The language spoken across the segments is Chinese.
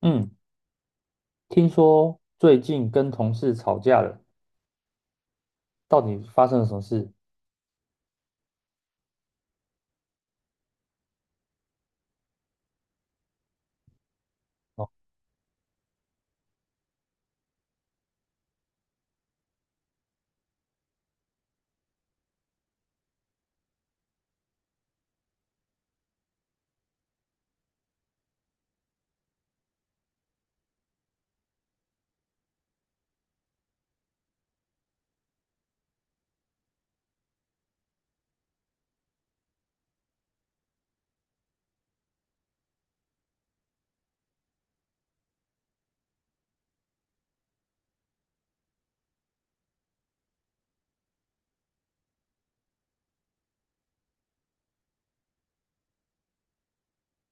嗯，听说最近跟同事吵架了，到底发生了什么事？哦，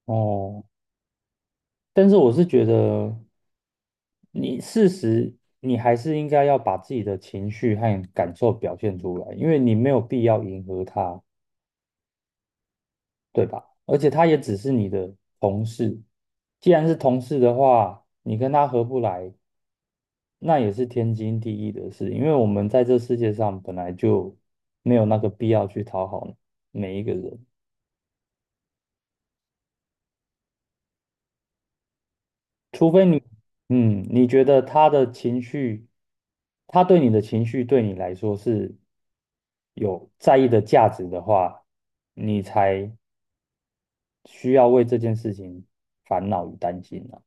哦但是我是觉得你事实，你还是应该要把自己的情绪和感受表现出来，因为你没有必要迎合他，对吧？而且他也只是你的同事，既然是同事的话，你跟他合不来，那也是天经地义的事，因为我们在这世界上本来就没有那个必要去讨好每一个人。除非你，嗯，你觉得他的情绪，他对你的情绪对你来说是有在意的价值的话，你才需要为这件事情烦恼与担心啊。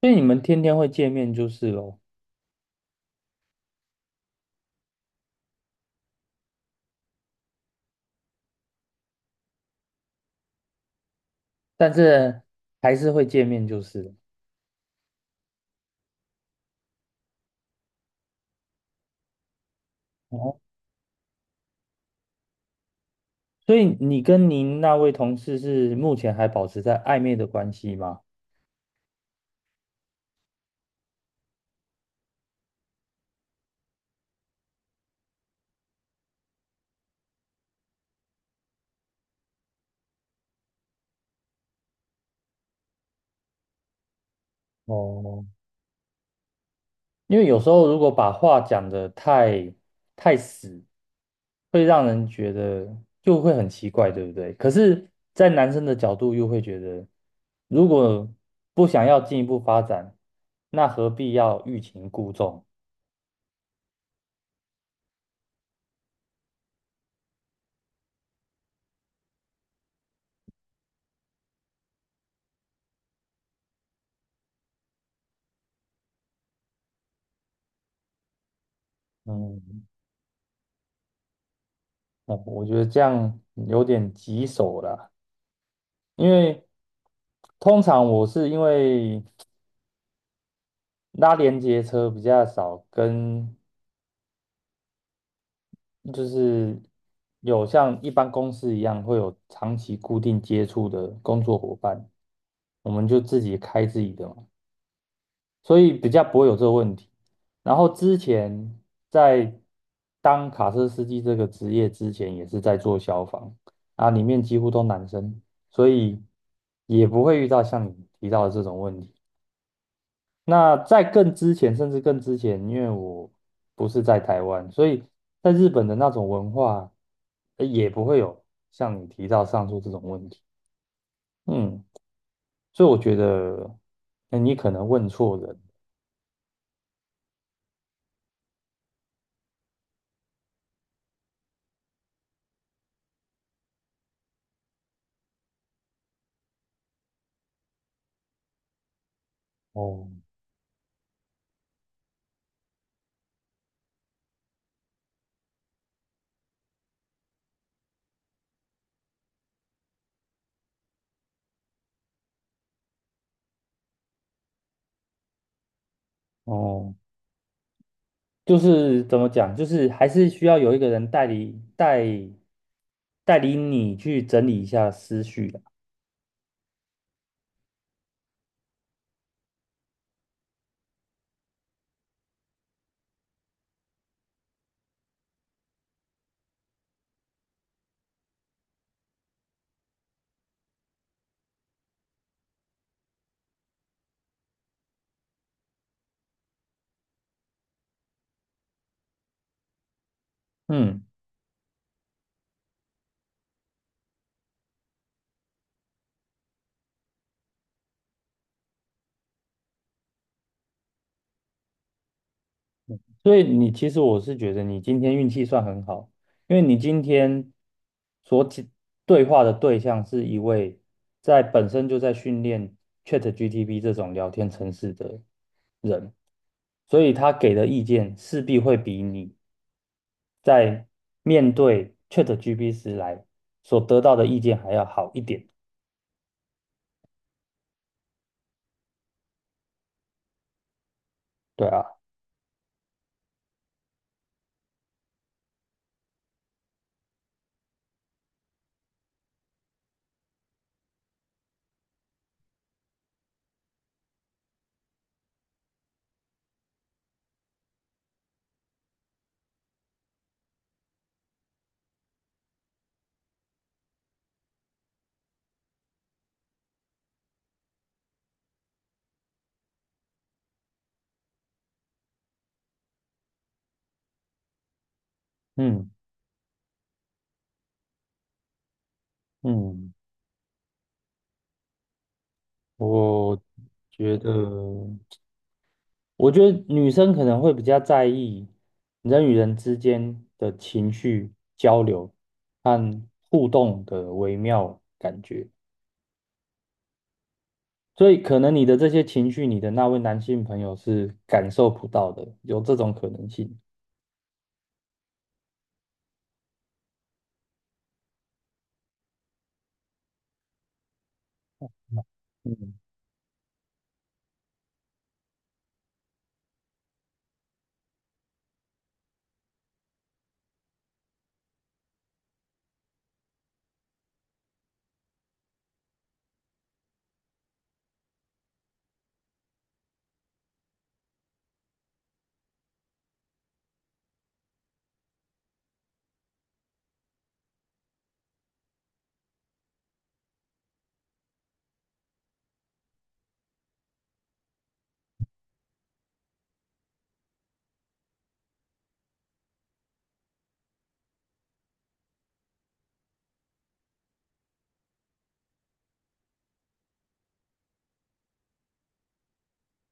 所以你们天天会见面就是咯，但是还是会见面就是了。哦，所以你跟您那位同事是目前还保持在暧昧的关系吗？哦，因为有时候如果把话讲得太死，会让人觉得就会很奇怪，对不对？可是，在男生的角度又会觉得，如果不想要进一步发展，那何必要欲擒故纵？嗯，那我觉得这样有点棘手啦，因为通常我是因为拉连接车比较少跟就是有像一般公司一样会有长期固定接触的工作伙伴，我们就自己开自己的嘛，所以比较不会有这个问题。然后之前在当卡车司机这个职业之前，也是在做消防啊，里面几乎都男生，所以也不会遇到像你提到的这种问题。那在更之前，甚至更之前，因为我不是在台湾，所以在日本的那种文化，也不会有像你提到上述这种问题。嗯，所以我觉得，那你可能问错人。哦哦，就是怎么讲，就是还是需要有一个人代理你去整理一下思绪的。嗯。所以你其实我是觉得你今天运气算很好，因为你今天所解对话的对象是一位在本身就在训练 ChatGPT 这种聊天程式的人，所以他给的意见势必会比你在面对 ChatGPT 时来所得到的意见还要好一点。对啊，嗯嗯，我觉得。我觉得女生可能会比较在意人与人之间的情绪交流和互动的微妙感觉，所以可能你的这些情绪，你的那位男性朋友是感受不到的，有这种可能性。嗯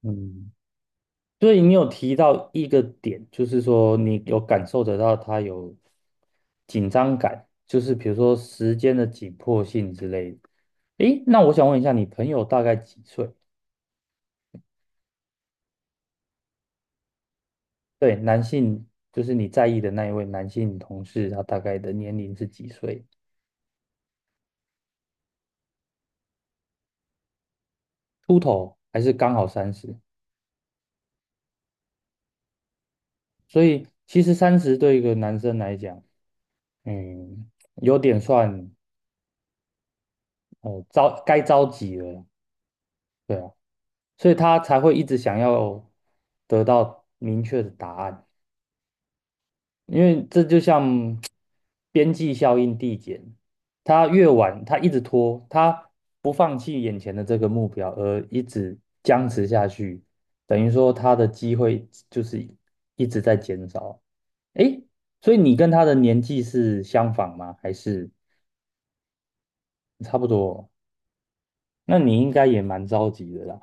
嗯，所以你有提到一个点，就是说你有感受得到他有紧张感，就是比如说时间的紧迫性之类的。诶，那我想问一下，你朋友大概几岁？对，男性就是你在意的那一位男性同事，他大概的年龄是几岁？秃头还是刚好三十？所以其实三十对一个男生来讲，嗯，有点算着急了。对啊，所以他才会一直想要得到明确的答案。因为这就像边际效应递减，他越晚，他一直拖，他不放弃眼前的这个目标，而一直僵持下去，等于说他的机会就是一直在减少。诶，所以你跟他的年纪是相仿吗？还是差不多？那你应该也蛮着急的啦，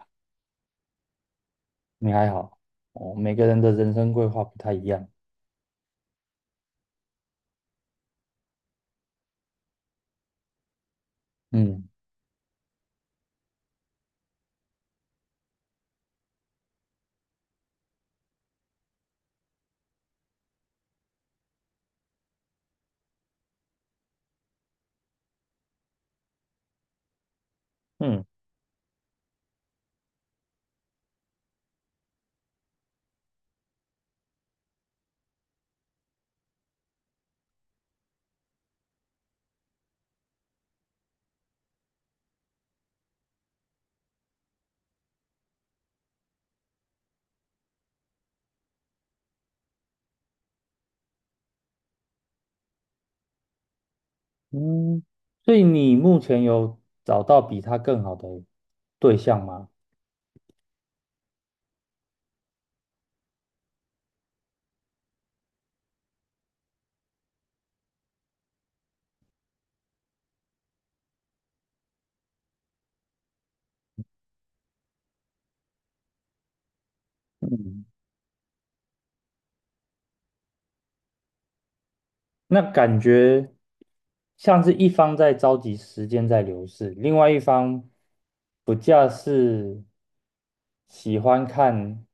你还好哦。每个人的人生规划不太一样，嗯嗯。嗯，所以你目前有找到比他更好的对象吗？嗯，那感觉像是一方在着急时间在流逝，另外一方不假是喜欢看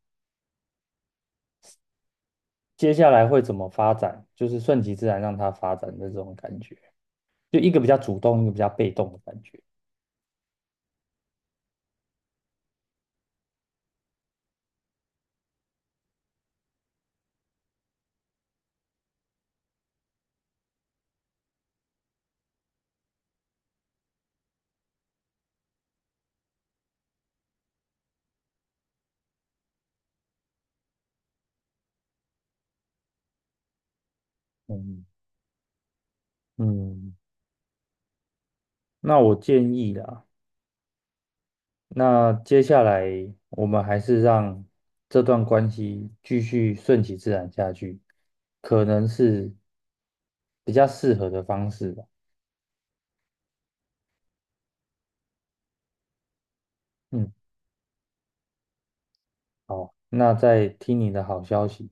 接下来会怎么发展，就是顺其自然让他发展的这种感觉，就一个比较主动，一个比较被动的感觉。嗯嗯，那我建议啦。那接下来我们还是让这段关系继续顺其自然下去，可能是比较适合的方式吧。嗯，好，那再听你的好消息。